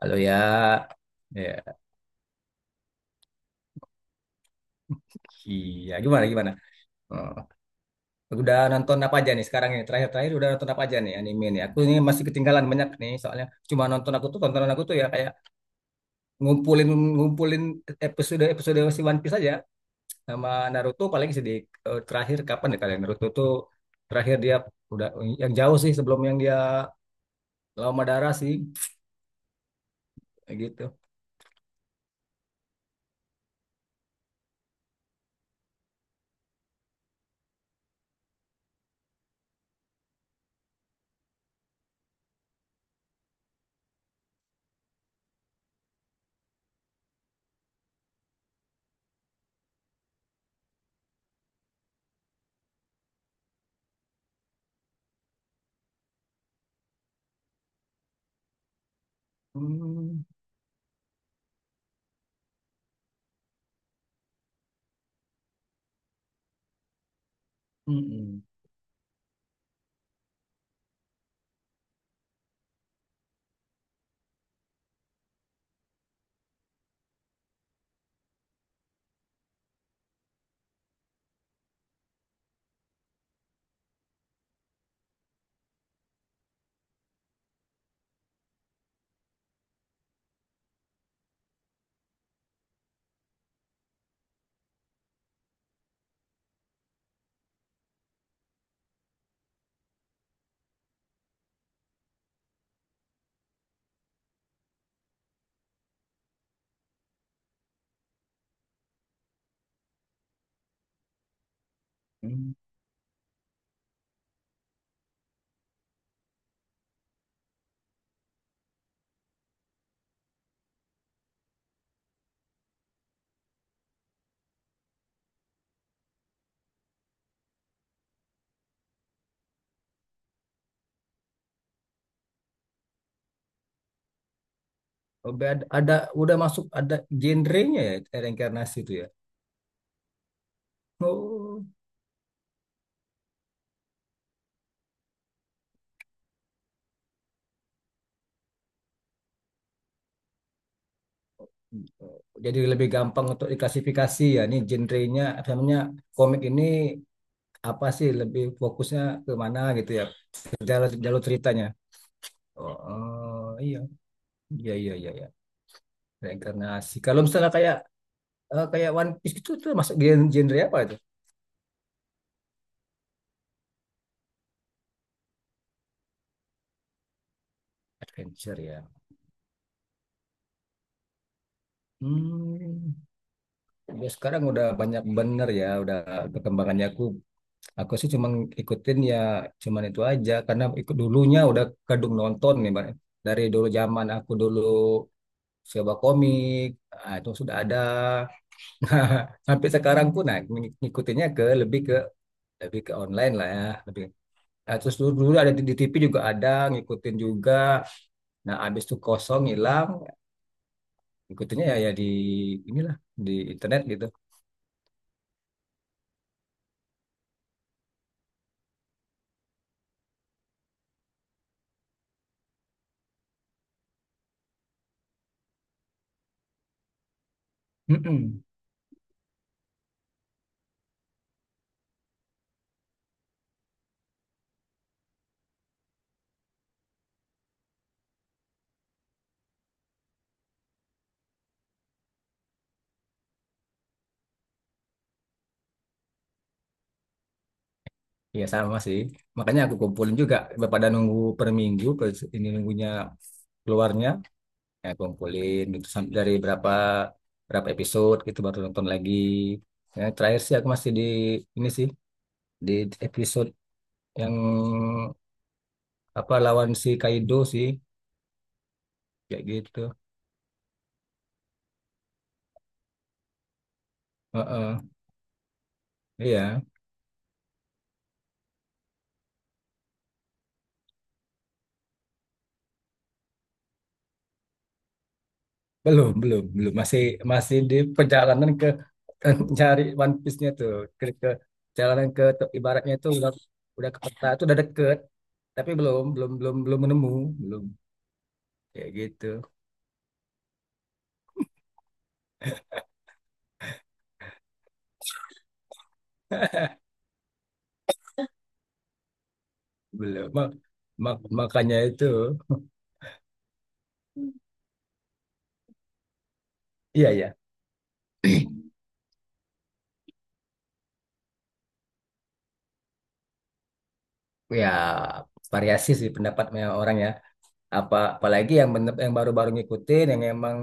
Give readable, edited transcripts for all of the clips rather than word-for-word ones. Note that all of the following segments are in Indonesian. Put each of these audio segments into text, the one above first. Halo ya, ya, iya gimana gimana? Oh, udah nonton apa aja nih sekarang ini? Terakhir-terakhir udah nonton apa aja nih anime nih? Aku ini masih ketinggalan banyak nih soalnya cuma nonton aku tuh tontonan aku tuh ya kayak ngumpulin ngumpulin episode episode si One Piece aja sama Naruto paling sedih, eh, terakhir kapan ya kalian Naruto tuh terakhir dia udah yang jauh sih sebelum yang dia lawan Madara sih, kayak gitu. Hmm, mm, mm, mm. Ada, ada udah masuk ada genrenya ya, reinkarnasi itu. Oh, jadi lebih gampang untuk diklasifikasi ya. Ini genrenya, apa namanya komik ini, apa sih lebih fokusnya ke mana gitu ya? Ke jalur, jalur ceritanya. Oh, oh, iya, iya, iya, iya, iya. Reinkarnasi. Kalau misalnya kayak, eh, kayak One Piece gitu, itu tuh masuk genre apa itu? Adventure ya. Hmm, ya sekarang udah banyak bener ya, udah perkembangannya. Aku sih cuma ikutin ya, cuman itu aja karena ikut dulunya udah kadung nonton nih Bang. Dari dulu zaman aku dulu coba komik, ah, itu sudah ada Nah, sampai sekarang pun nah, ngikutinnya ke lebih ke lebih ke online lah ya, lebih. Nah, terus dulu, dulu ada di TV juga ada ngikutin juga, nah abis itu kosong hilang ngikutinnya ya ya di inilah, di internet gitu. Iya sama sih. Makanya aku kumpulin juga daripada nunggu per minggu per ini, nunggunya, keluarnya ya kumpulin gitu, dari berapa berapa episode gitu baru nonton lagi. Ya, terakhir sih aku masih di ini sih di episode yang apa, lawan si Kaido sih, kayak gitu. Heeh. Iya, belum belum belum masih masih di perjalanan ke cari One Piece-nya tuh ke perjalanan ke ibaratnya tuh udah ke peta itu udah deket tapi belum belum belum belum menemu belum, kayak gitu. Belum makanya itu, iya ya ya. Variasi sih pendapatnya orang ya, apa apalagi yang yang baru-baru ngikutin yang emang,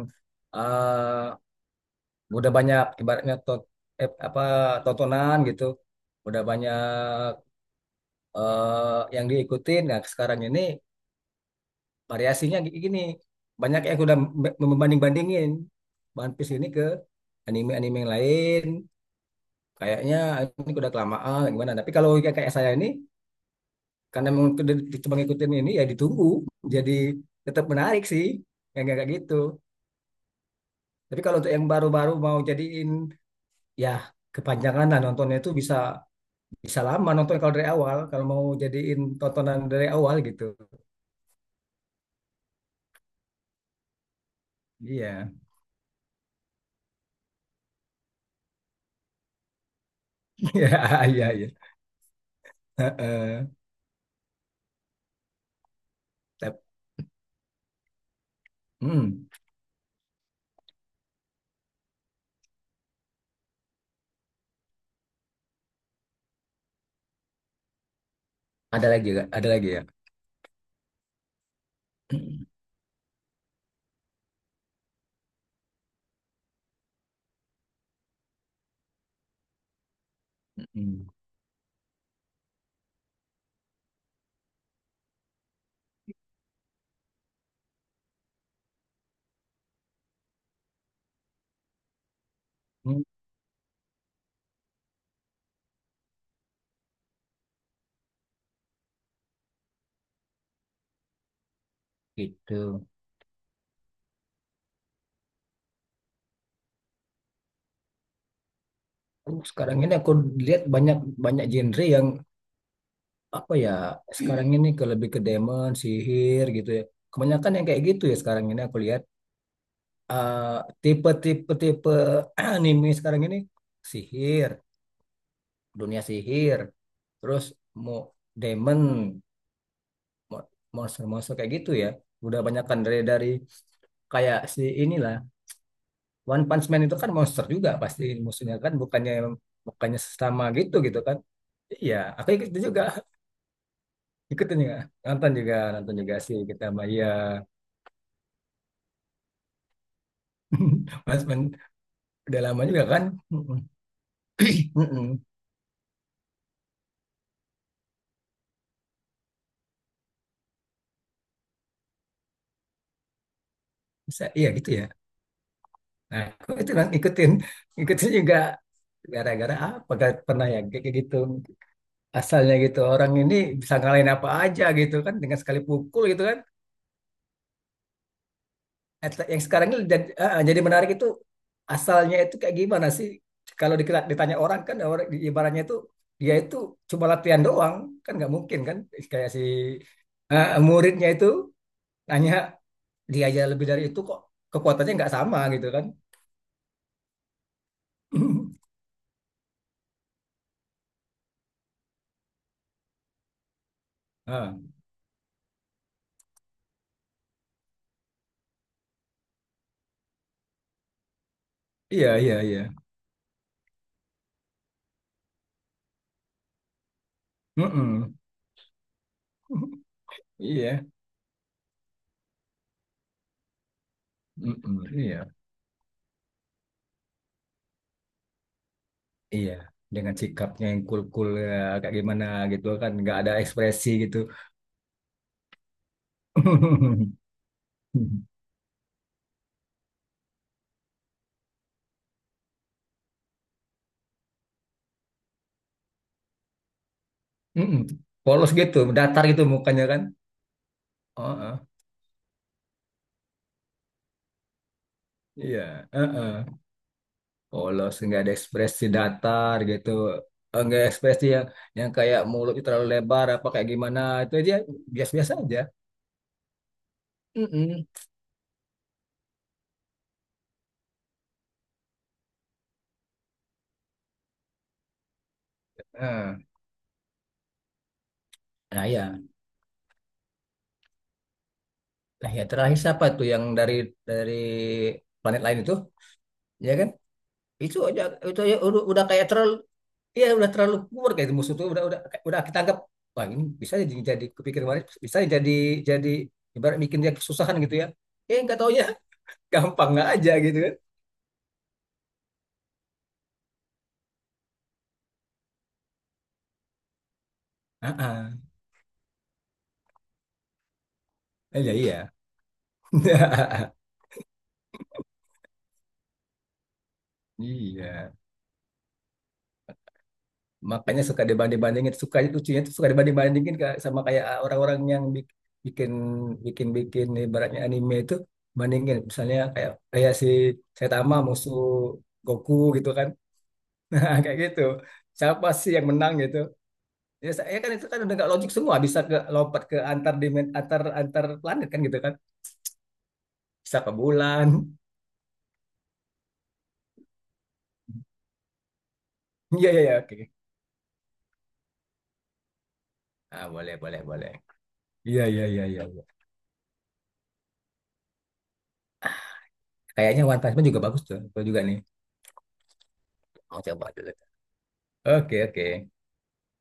eh, udah banyak ibaratnya eh, apa tontonan gitu udah banyak, eh, yang diikutin nah sekarang ini variasinya gini, banyak yang udah membanding-bandingin One Piece ini ke anime-anime yang lain kayaknya ini udah kelamaan gimana, tapi kalau kayak kayak saya ini karena memang cuma ngikutin ini ya ditunggu jadi tetap menarik sih yang kayak kayak gitu, tapi kalau untuk yang baru-baru mau jadiin, ya kepanjangan lah nontonnya itu bisa bisa lama nonton kalau dari awal kalau mau jadiin tontonan dari awal gitu. Iya. Iya, iya, iya. Heeh. Tap- hmm. Ada lagi nggak? Ada lagi ya. Hmm, gitu. Oh, sekarang ini aku lihat banyak banyak genre yang apa ya sekarang ini ke lebih ke demon sihir gitu ya, kebanyakan yang kayak gitu ya sekarang ini aku lihat. Eh, tipe-tipe tipe anime sekarang ini sihir, dunia sihir, terus mau demon, mo- monster-monster kayak gitu ya, udah banyakan dari kayak si inilah One Punch Man itu kan monster juga pasti musuhnya kan, bukannya bukannya sesama gitu gitu kan. Iya aku ikutin juga. Ikutin juga, nonton juga nonton juga sih kita Maya. Mas, men, udah lama juga kan? Mm-mm. Mm-mm. Bisa, iya gitu ya. Nah, aku itu kan ikutin, ikutin juga gara-gara apa? Gak pernah ya kayak kayak gitu. Asalnya gitu orang ini bisa ngalahin apa aja gitu kan dengan sekali pukul gitu kan. Yang sekarang ini jadi, ah, jadi menarik itu asalnya itu kayak gimana sih? Kalau ditanya orang kan, orang, ibaratnya itu dia itu cuma latihan doang kan nggak mungkin kan, kayak si, ah, muridnya itu tanya. Dia aja lebih dari itu kok, kekuatannya nggak sama gitu kan. Ah, iya iya iya. Mm-mm. Iya. Mm-mm. Iya. Iya. Dengan sikapnya yang cool-cool ya, kayak gimana gitu kan, nggak ada ekspresi gitu. Mm-mm. Polos gitu, datar gitu mukanya kan. Oh, ah. Iya, heeh. Polos nggak ada ekspresi datar gitu. Enggak ekspresi yang kayak mulut terlalu lebar apa kayak gimana itu, dia biasa-biasa aja. Mm-mm. Ah. Nah, ya. Nah, ya terakhir siapa tuh yang dari planet lain itu, ya kan? Itu aja itu aja udah kayak terlalu, ya udah terlalu kuat kayak itu, musuh tuh udah kita anggap wah ini bisa jadi kepikir kemarin bisa jadi ibarat bikin dia kesusahan gitu ya. Eh nggak taunya gampang nggak aja gitu kan. Ah, ah. Iya iya. Iya. Makanya suka dibanding-bandingin, suka lucunya tuh suka dibanding-bandingin kayak sama kayak, ah, orang-orang yang bikin bikin bikin ibaratnya anime itu, bandingin misalnya kayak kayak si Saitama musuh Goku gitu kan. Nah, kayak gitu siapa sih yang menang gitu, ya saya kan itu kan udah nggak logik semua bisa ke lompat ke antar dimen antar antar planet kan gitu kan, bisa ke bulan. Iya iya iya oke. Ah boleh boleh boleh, iya iya iya iya iya. Kayaknya One Punch Man juga bagus tuh, gua juga nih mau coba dulu. Oke oke.